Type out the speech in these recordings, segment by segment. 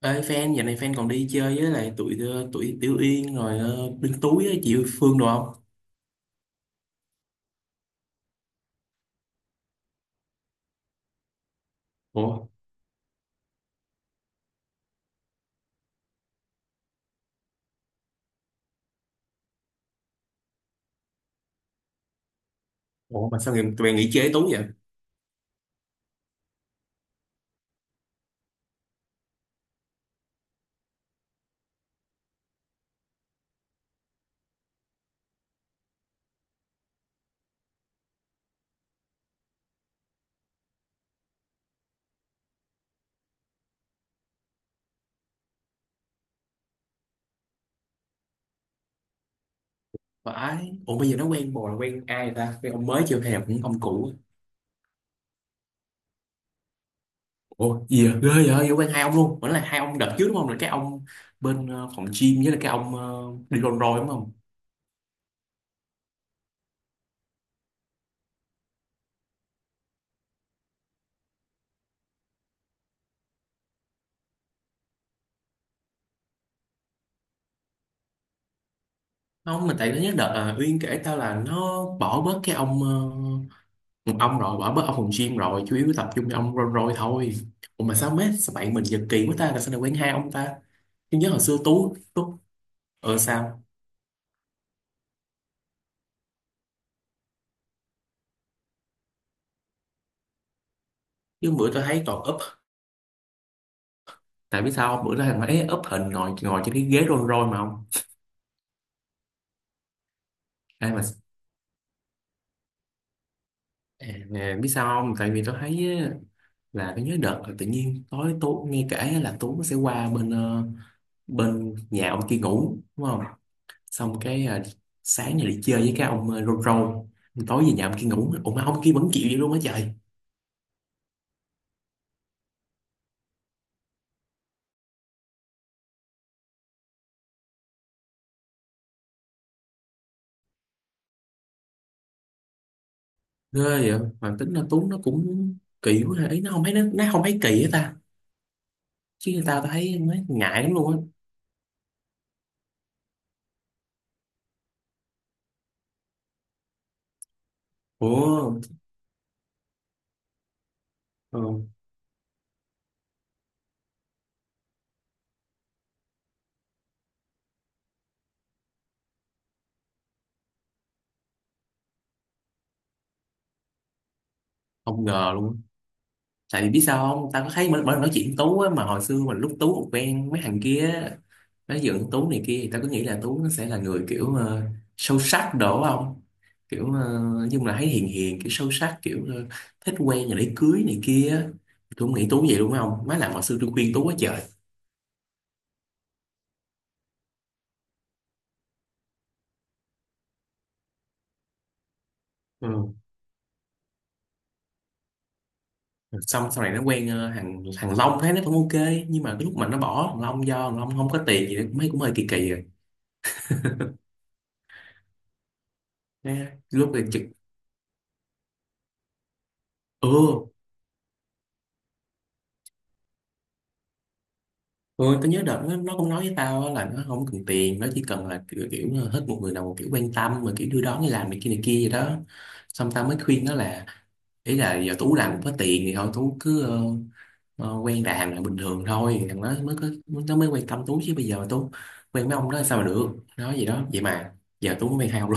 Ê fan, giờ này fan còn đi chơi với lại tụi tụi Tiểu Yên rồi Đinh Túi á, chị Phương đồ không? Ủa, ủa mà sao người tụi bạn nghỉ chơi với Tú vậy? Phải, ủa bây giờ nó quen bồ là quen ai rồi ta? Quen ông mới chưa hay là cũng ông cũ? Ủa, gì vậy? Ghê vậy, vậy quen hai ông luôn. Vẫn là hai ông đợt trước đúng không? Là cái ông bên phòng gym với là cái ông đi Rolls Royce đúng không? Không, mà tại nó nhớ đợt Uyên kể tao là nó bỏ bớt cái ông rồi bỏ bớt ông phòng gym rồi chủ yếu tập trung cho ông rong roi thôi. Ủa mà sao mấy, sao bạn mình giật kỳ quá ta là sao lại quen hai ông ta. Nhưng nhớ hồi xưa tú tú. Ờ sao? Chứ bữa tôi thấy còn up, tại biết sao không? Bữa đó thằng ấy up hình ngồi ngồi trên cái ghế rong roi mà không ai mà à, à, biết sao không, tại vì tôi thấy á, là tôi nhớ đợt là tự nhiên tối tú nghe kể á, là tú sẽ qua bên bên nhà ông kia ngủ đúng không, xong cái sáng này đi chơi với cái ông rong roi, tối về nhà ông kia ngủ. Ủa mà ông kia vẫn chịu vậy luôn á trời. Ghê. Vậy mà tính là Tuấn nó cũng kỳ quá ha. Ý nó không thấy kỳ hết ta chứ, người ta tao thấy nó ngại lắm luôn á. Ủa. ờ, không ngờ luôn á. Tại vì biết sao không, tao có thấy mỗi mỗi lần nói chuyện với Tú á, mà hồi xưa mình lúc Tú còn quen mấy thằng kia á, nói dựng Tú này kia, thì tao cứ nghĩ là Tú nó sẽ là người kiểu sâu sắc đổ không, kiểu nói chung là thấy hiền hiền kiểu sâu sắc kiểu thích quen rồi để cưới này kia á. Tôi không nghĩ Tú vậy đúng không má, làm hồi xưa tôi khuyên Tú quá trời. Ừ. Xong sau này nó quen thằng thằng Long thấy nó cũng ok, nhưng mà cái lúc mà nó bỏ thằng Long do thằng Long không có tiền gì cũng thấy cũng hơi kỳ kỳ rồi. Thế lúc này trực. Ừ. Ừ tao nhớ đợt nó cũng nói với tao á là nó không cần tiền, nó chỉ cần là kiểu, kiểu là hết một người nào một kiểu quan tâm mà kiểu đưa đón đi làm này kia vậy đó. Xong tao mới khuyên nó là ý là giờ Tú làm cũng có tiền thì thôi Tú cứ quen đàn là bình thường thôi, thằng nó mới có, nó mới quan tâm Tú, chứ bây giờ mà Tú quen mấy ông đó sao mà được, nói gì đó vậy mà giờ Tú mới quen hai luôn.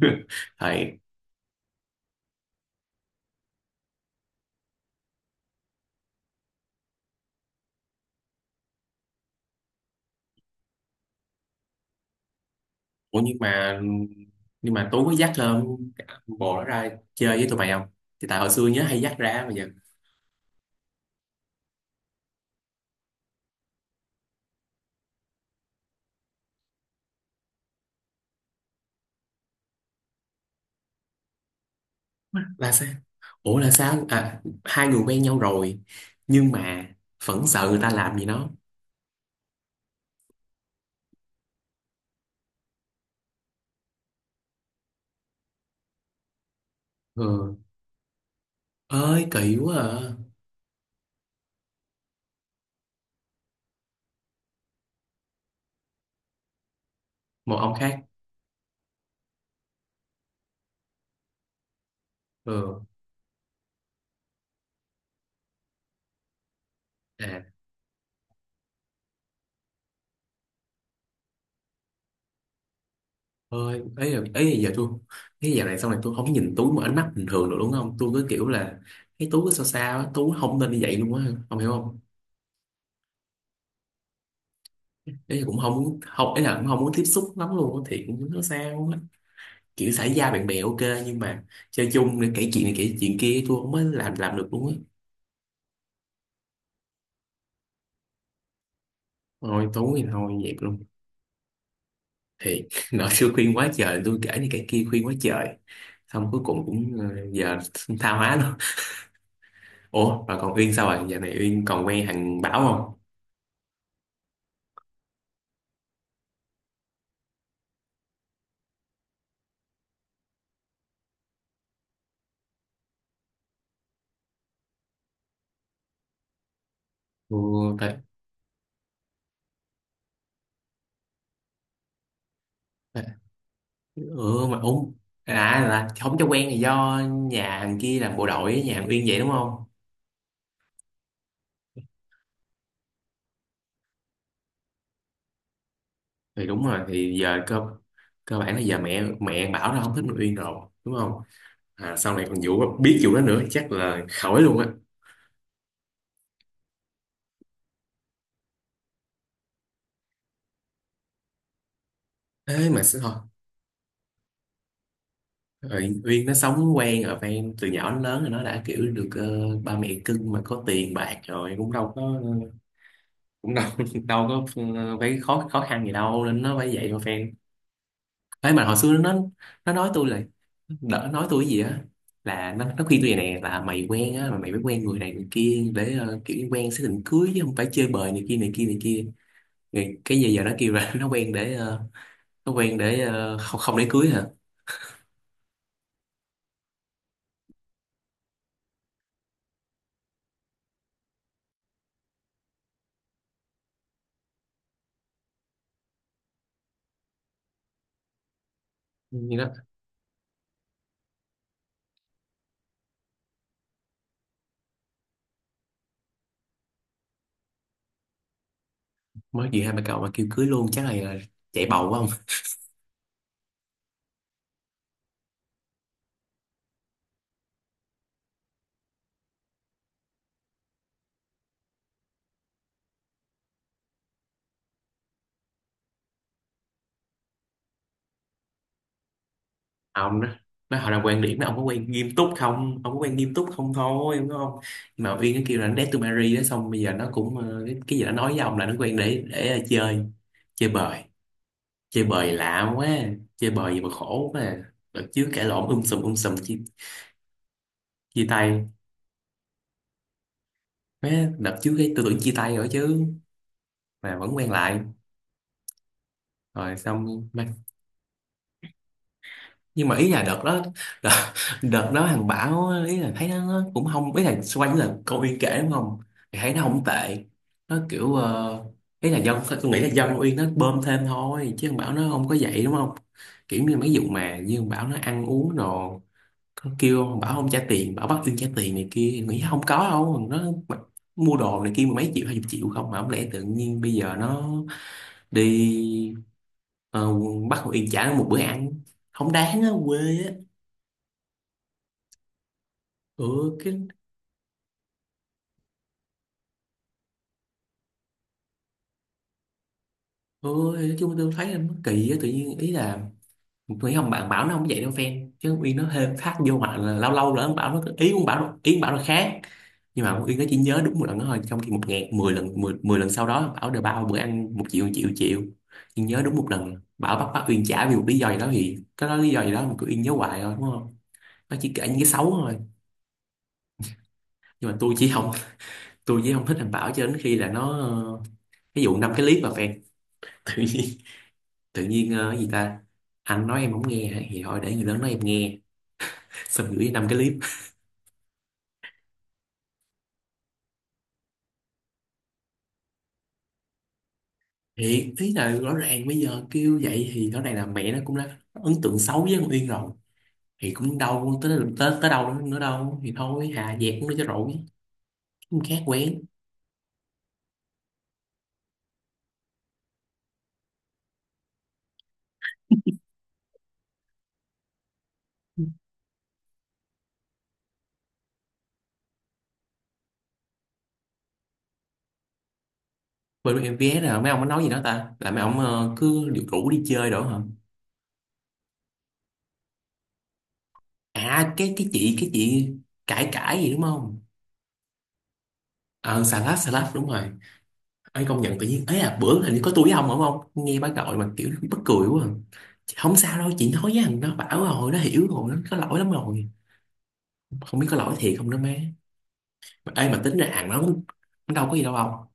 Thầy. Ủa nhưng mà, nhưng mà Tú có dắt lên bộ đó ra chơi với tụi mày không? Thì tại hồi xưa nhớ hay dắt ra mà giờ là sao? Ủa là sao? À, hai người quen nhau rồi nhưng mà vẫn sợ người ta làm gì nó. Ừ. Ơi kỳ quá à. Một ông khác. Ừ. À, ơi ấy là, ấy là giờ tôi, cái giờ này sau này tôi không nhìn Tú một ánh mắt bình thường được đúng không? Tôi cứ kiểu là cái Tú cứ sao sao á, Tú không nên như vậy luôn á, không hiểu không? Ý là cũng không muốn, không ấy là cũng không muốn tiếp xúc lắm luôn á, thì cũng nó sao á. Kiểu xã giao bạn bè ok, nhưng mà chơi chung để kể chuyện này kể chuyện kia tôi không mới làm được luôn á. Thôi tối thì thôi dẹp luôn thì. Nợ xưa khuyên quá trời, tôi kể này kể kia khuyên quá trời, xong cuối cùng cũng giờ tha hóa luôn. Ủa mà còn Uyên sao rồi, giờ này Uyên còn quen thằng Bảo không? Ừ, tại, tại ừ mà úng, à là không cho quen là do nhà thằng kia làm bộ đội với nhà thằng Uyên vậy đúng không. Thì đúng rồi thì giờ cơ, cơ bản là giờ mẹ mẹ Bảo nó không thích thằng Uyên rồi đúng không. À, sau này còn vụ biết vụ đó nữa chắc là khỏi luôn á. Thế mà sẽ thôi. Rồi Uyên nó sống quen ở ven từ nhỏ đến lớn rồi, nó đã kiểu được ba mẹ cưng mà có tiền bạc rồi cũng đâu có cũng đâu đâu có phải khó khó khăn gì đâu, nên nó phải vậy mà fan. Thế mà hồi xưa nó nói tôi là đỡ nói tôi cái gì á, là nó khuyên tôi vậy nè, là mày quen á mà mày phải quen người này người kia để kiểu quen xác định cưới chứ không phải chơi bời này kia này kia này kia. Thì cái giờ giờ nó kêu là nó quen để không, không để cưới hả. Như đó mới gì hai bà cậu mà kêu cưới luôn chắc là chạy bầu quá không. À, ông đó nó họ là quan điểm đó, ông có quen nghiêm túc không, ông có quen nghiêm túc không thôi đúng không. Nhưng mà Uyên nó kêu là nó date to marry đó, xong bây giờ nó cũng cái gì nó nói với ông là nó quen để chơi, chơi bời. Chơi bời lạ quá, chơi bời gì mà khổ quá à. Đợt trước cãi lộn sùm sùm chia, chia tay. Má, đợt trước cái tôi tưởng chia tay rồi chứ, mà vẫn quen lại rồi xong. Nhưng mà ý là đợt đó, đợt, đợt đó thằng Bảo á, ý là thấy nó cũng không, ý là xoay quanh là câu Uyên kể đúng không, thì thấy nó không tệ, nó kiểu ý là dân tôi nghĩ là dân Uyên nó bơm thêm thôi chứ thằng Bảo nó không có vậy đúng không. Kiểu như mấy vụ mà như thằng Bảo nó ăn uống rồi nó kêu thằng Bảo không trả tiền, Bảo bắt Uyên trả tiền này kia, nghĩ không có đâu. Nó mặc- mua đồ này kia mười mấy triệu hai chục triệu không, mà không lẽ tự nhiên bây giờ nó đi ờ, bắt Uyên trả nó một bữa ăn không đáng á quê. Ừ cái, ừ, thì nói chung tôi thấy là nó kỳ á, tự nhiên ý là nghĩ không, bạn bảo nó không vậy đâu fan, chứ Uyên nó thêm thắt vô, hoặc là lâu lâu là ông bảo nó, ý ông bảo nó, ý ông bảo nó khác, nhưng mà ông Uyên nó chỉ nhớ đúng một lần đó thôi, trong khi một ngàn mười lần mười, mười lần sau đó bảo đều bao bữa ăn một triệu một triệu một triệu, nhưng nhớ đúng một lần bảo bắt bắt Uyên trả vì một lý do gì đó, thì cái đó lý do gì đó mà cứ Uyên nhớ hoài thôi đúng không. Nó chỉ kể những cái xấu thôi. Nhưng mà tôi chỉ không, tôi chỉ không thích thằng Bảo cho đến khi là nó ví dụ năm cái clip mà fan. Tự nhiên cái gì ta, anh nói em không nghe thì thôi để người lớn nói em nghe. Xong gửi năm cái clip. Thiệt, ý là rõ ràng bây giờ kêu vậy thì rõ ràng là mẹ nó cũng đã có ấn tượng xấu với con Uyên rồi. Thì cũng đâu tới tới, tới đâu nữa đâu, thì thôi hà dẹp cũng cho rồi. Cũng khác quen. Bên em vé là mấy ông có nói gì đó ta, là mấy ông cứ điều rủ đi chơi đó hả. À cái chị cãi cãi gì đúng không. Ờ xà lách, xà lách đúng rồi. Ấy công nhận tự nhiên ấy, à bữa hình như có tôi với ông đúng không, nghe bác gọi mà kiểu bất cười quá à. Chị, không sao đâu chị, nói với thằng nó bảo rồi, nó hiểu rồi, nó có lỗi lắm rồi. Không biết có lỗi thiệt không nữa má. Mà ấy mà tính ra hàng nó cũng, nó đâu có gì đâu ông.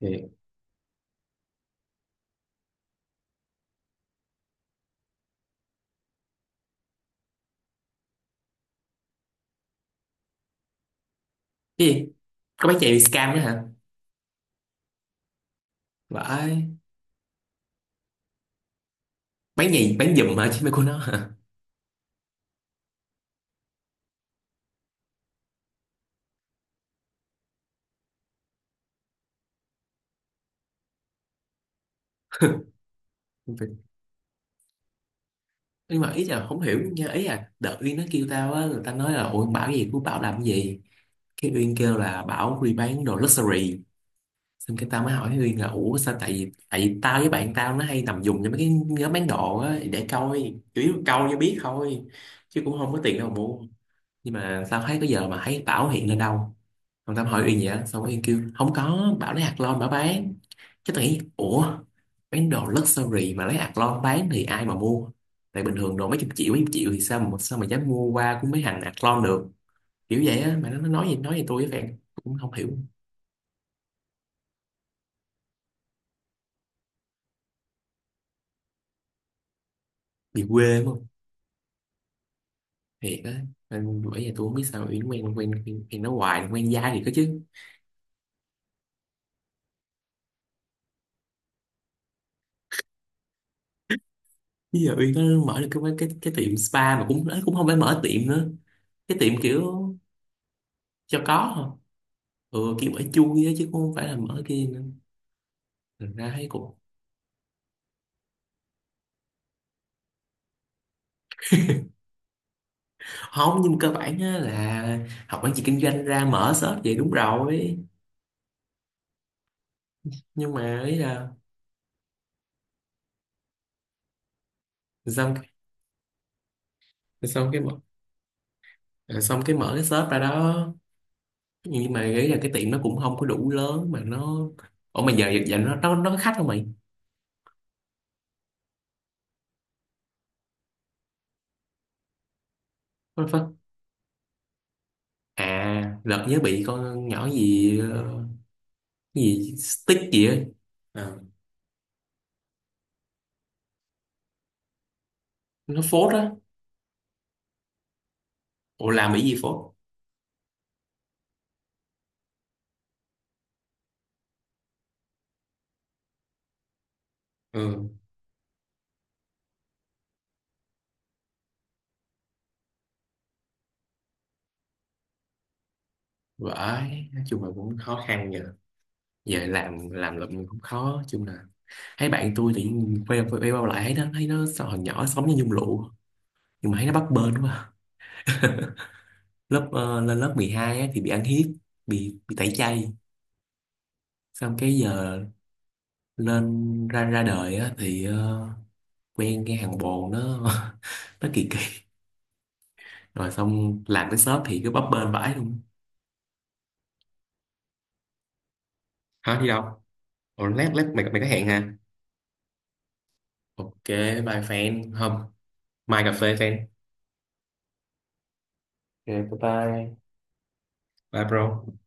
Thì cái gì, có bán giày bị scam nữa hả? Vãi. Bán giày bán giùm hả chứ mày của nó hả. Nhưng mà ý là không hiểu nha, ý là đợt Uyên nó kêu tao á, người ta nói là ủa Bảo gì của Bảo làm cái gì, cái Uyên kêu là Bảo đi bán đồ luxury. Xong cái tao mới hỏi Huy là ủa sao, tại vì tao với bạn tao nó hay nằm dùng cho mấy cái nhóm bán đồ á, để coi chủ yếu câu cho biết thôi chứ cũng không có tiền đâu mà mua. Nhưng mà tao thấy tới giờ mà thấy Bảo hiện lên đâu. Còn tao hỏi Uyên vậy á, xong Uyên kêu không có, Bảo lấy hạt lon Bảo bán. Chứ tao nghĩ ủa, bán đồ luxury mà lấy hạt lon bán thì ai mà mua, tại bình thường đồ mấy chục triệu thì sao mà dám mua qua của mấy thằng hạt lon được, kiểu vậy á. Mà nó nói gì tôi với bạn cũng không hiểu. Bị quê quá. Thiệt á. Nên bởi giờ tôi không biết sao Uyên quen quen quen, quen nó hoài, quen dai thì có chứ. Bây giờ Uyên nó mở được cái tiệm spa mà cũng, nó cũng không phải mở tiệm nữa, cái tiệm kiểu cho có thôi. Ừ kiểu ở chui á chứ cũng không phải là mở kia nữa. Thành ra thấy cũng không, nhưng mà cơ bản á là học quản trị kinh doanh ra mở shop vậy đúng rồi. Nhưng mà ý là xong, xong cái mở- à, xong cái mở cái shop ra đó, nhưng mà ý là cái tiệm nó cũng không có đủ lớn mà nó, ủa mà giờ giờ nó có khách không mày? À lật nhớ bị con nhỏ gì cái gì stick gì ấy. Ờ, nó phốt á. Ủa làm bị gì phốt? Ừ vãi. Nói chung là cũng khó khăn giờ, giờ làm lụm cũng khó chung là. Thấy bạn tôi thì quay quay bao lại thấy nó, thấy nó sao hồi nhỏ sống như nhung lụa nhưng mà thấy nó bấp bênh quá. Lớp lên lớp 12 á, thì bị ăn hiếp, bị tẩy chay, xong cái giờ lên ra ra đời á, thì quen cái thằng bồ nó nó kỳ, rồi xong làm cái shop thì cứ bấp bênh vãi luôn. Hả đi đâu? Ủa, lát lát mày mày có hẹn hả? Ok, bye fan không. Mai cà phê fan. Ok bye bye. Bye bro.